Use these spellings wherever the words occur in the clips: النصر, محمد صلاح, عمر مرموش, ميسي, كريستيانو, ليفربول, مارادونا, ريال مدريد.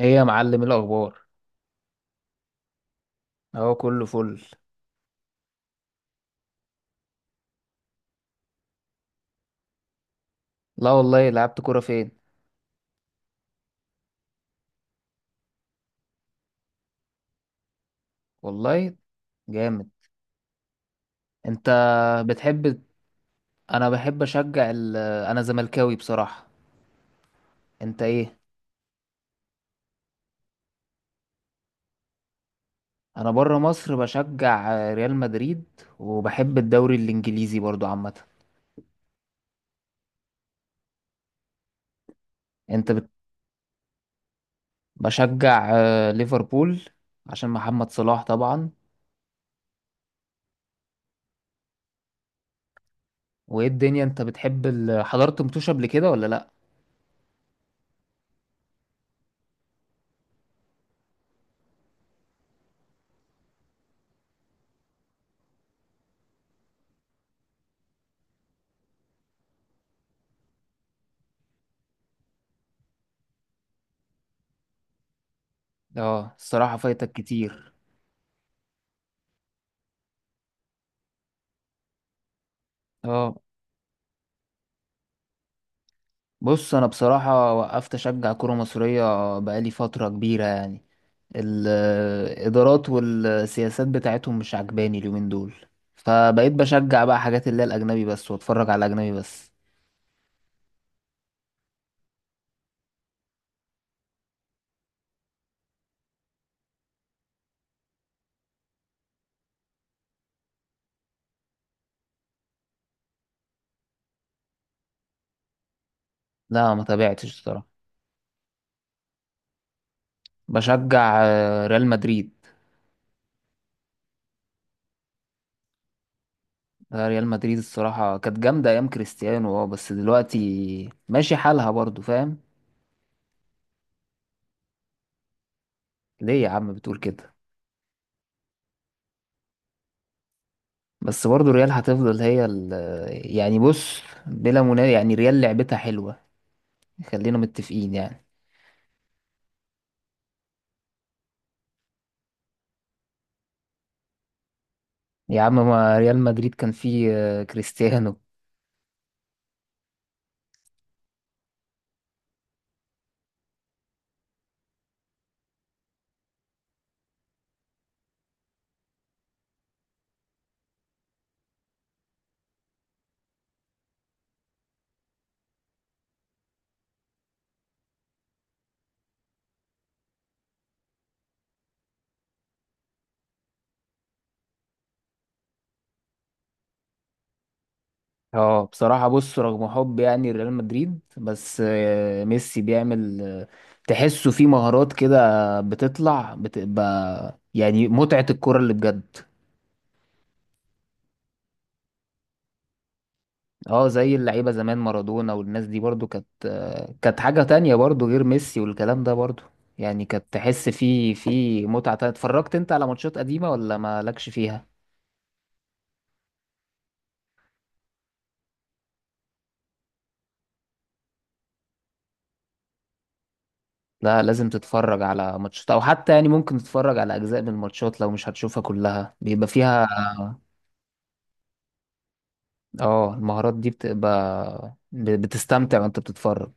ايه يا معلم، إيه الاخبار؟ اهو كله فل. لا والله، لعبت كوره فين؟ والله. جامد. انت. بتحب. انا بحب اشجع انا زملكاوي بصراحه. انت ايه؟ انا بره مصر بشجع ريال مدريد. وبحب الدوري الانجليزي برضو عامه. انت بت... بشجع ليفربول، عشان محمد صلاح طبعا. وايه الدنيا، انت بتحب حضرت متوش قبل كده ولا لا؟ اه، الصراحه فايتك كتير. اه، بص، انا بصراحه وقفت اشجع كره مصريه. بقالي فتره كبيره يعني. الادارات والسياسات بتاعتهم مش عجباني اليومين دول. فبقيت بشجع بقى حاجات اللي هي الاجنبي بس، واتفرج على الاجنبي بس. لا، ما تابعتش الصراحه. بشجع ريال مدريد. ريال مدريد الصراحه كانت جامده ايام كريستيانو. اه، بس دلوقتي ماشي حالها برضو، فاهم؟ ليه يا عم بتقول كده؟ بس برضو ريال هتفضل هي يعني بص، بلا منازع يعني ريال لعبتها حلوه. خلينا متفقين يعني. يا عم، ما ريال مدريد كان فيه كريستيانو. اه، بصراحة بص، رغم حب يعني ريال مدريد، بس ميسي بيعمل تحسه فيه مهارات كده بتطلع، بتبقى يعني متعة الكرة اللي بجد. اه، زي اللعيبة زمان مارادونا والناس دي، برضو كانت حاجة تانية برضو، غير ميسي والكلام ده برضو. يعني كانت تحس فيه متعة تانية. اتفرجت انت على ماتشات قديمة ولا مالكش فيها؟ لا، لازم تتفرج على ماتشات، او حتى يعني ممكن تتفرج على اجزاء من الماتشات لو مش هتشوفها كلها، بيبقى فيها. اه، المهارات دي بتبقى بتستمتع وانت بتتفرج.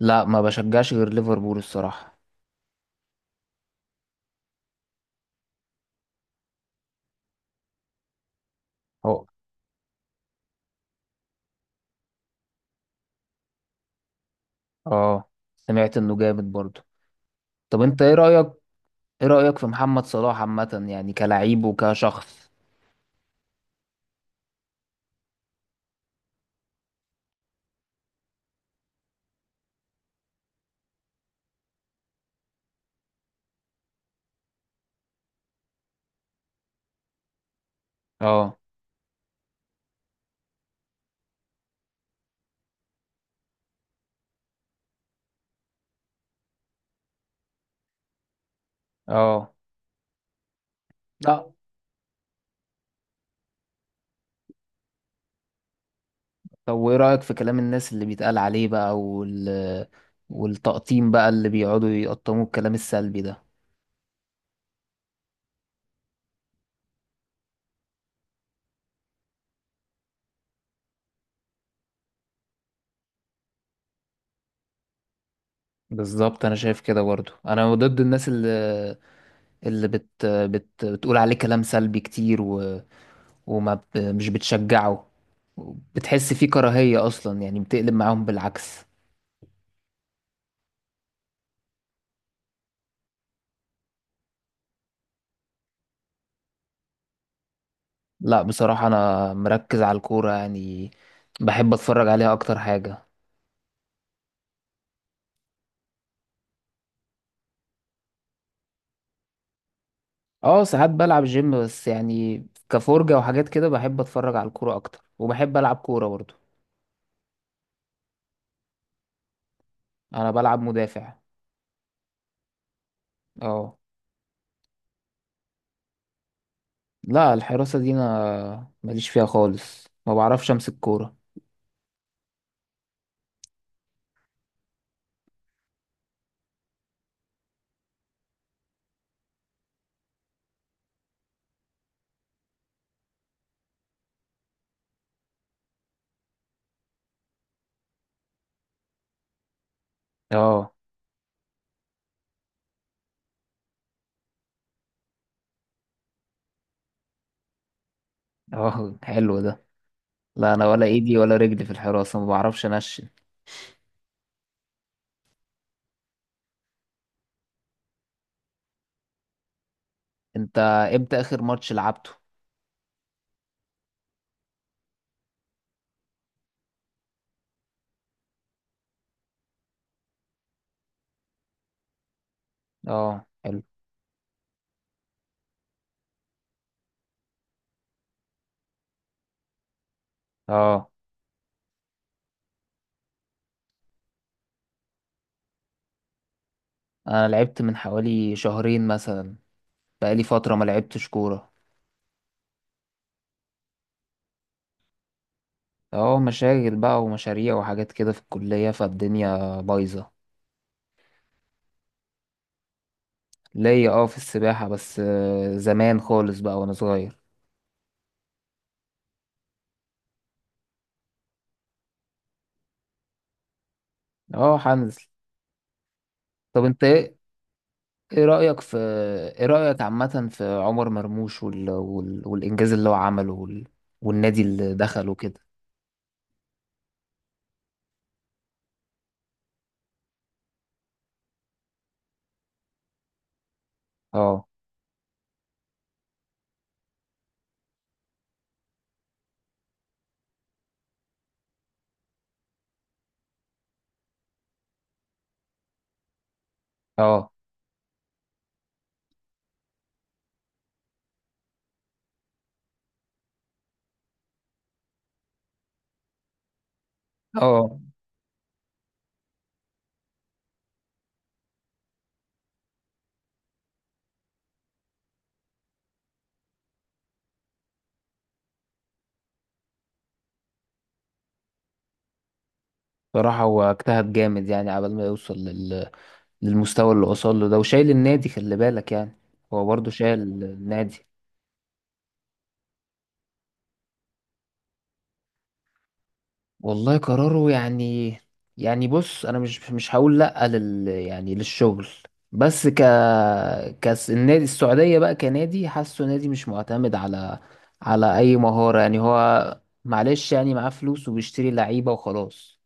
لا، ما بشجعش غير ليفربول الصراحة. هو. اه، سمعت انه جامد برضو. طب، انت ايه رأيك؟ ايه رأيك في محمد صلاح عامة، يعني كلاعب وكشخص؟ اه. اه. لا. طب، وايه رأيك في كلام الناس اللي بيتقال عليه بقى والتقطيم بقى اللي بيقعدوا يقطموا الكلام السلبي ده؟ بالظبط، انا شايف كده برضو. انا ضد الناس اللي بت بت بتقول عليه كلام سلبي كتير مش بتشجعه. بتحس فيه كراهية اصلا، يعني بتقلب معاهم بالعكس. لا، بصراحة انا مركز على الكورة يعني. بحب اتفرج عليها اكتر حاجة. اه، ساعات بلعب جيم، بس يعني كفرجة وحاجات كده. بحب اتفرج على الكورة اكتر، وبحب العب كورة برضو. انا بلعب مدافع. اه. لا، الحراسة دي انا ماليش فيها خالص، ما بعرفش امسك كورة. اه. اه، حلو ده. لا، انا ولا ايدي ولا رجلي في الحراسة، ما بعرفش انشن. انت. امتى اخر ماتش لعبته؟ اه، حلو. اه، انا لعبت من حوالي شهرين مثلا. بقالي فترة ما لعبتش كورة. اه، مشاغل بقى ومشاريع وحاجات كده في الكلية، فالدنيا بايظة. ليا اه في السباحة، بس زمان خالص بقى وانا صغير. اه، هنزل. طب، انت ايه؟ ايه رأيك في ايه رأيك عامة في عمر مرموش والإنجاز اللي هو عمله والنادي اللي دخله كده؟ اه. اه. اه. بصراحة هو اجتهد جامد يعني عبال ما يوصل للمستوى اللي وصل له ده، وشايل النادي خلي بالك يعني. هو برضه شايل النادي. والله قراره يعني. يعني بص، انا مش هقول لا يعني للشغل. بس ك كاس النادي السعوديه بقى، كنادي حاسه نادي مش معتمد على اي مهاره، يعني هو معلش يعني معاه فلوس وبيشتري لعيبه وخلاص.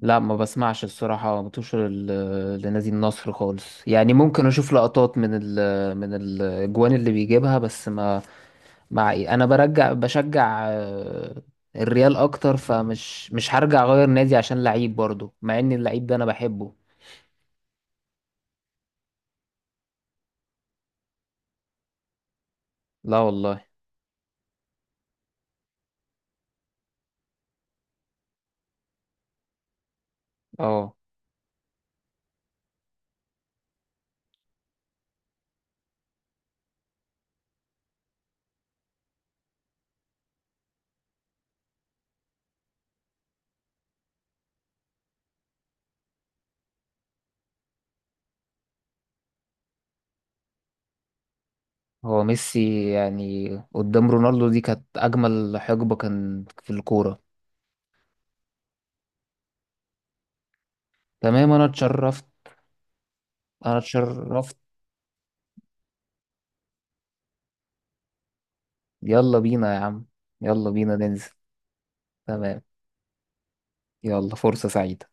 لا، ما بسمعش الصراحه، متوشر لنادي النصر خالص يعني. ممكن اشوف لقطات من من الاجوان اللي بيجيبها بس ما. مع إيه؟ انا برجع بشجع الريال اكتر، فمش مش هرجع اغير نادي عشان لعيب، برضه مع ان اللعيب ده انا بحبه. لا والله. اه. هو ميسي يعني قدام رونالدو دي كانت اجمل حقبة كان في الكورة. تمام، انا اتشرفت. انا اتشرفت. يلا بينا يا عم. يلا بينا ننزل. تمام. يلا، فرصة سعيدة.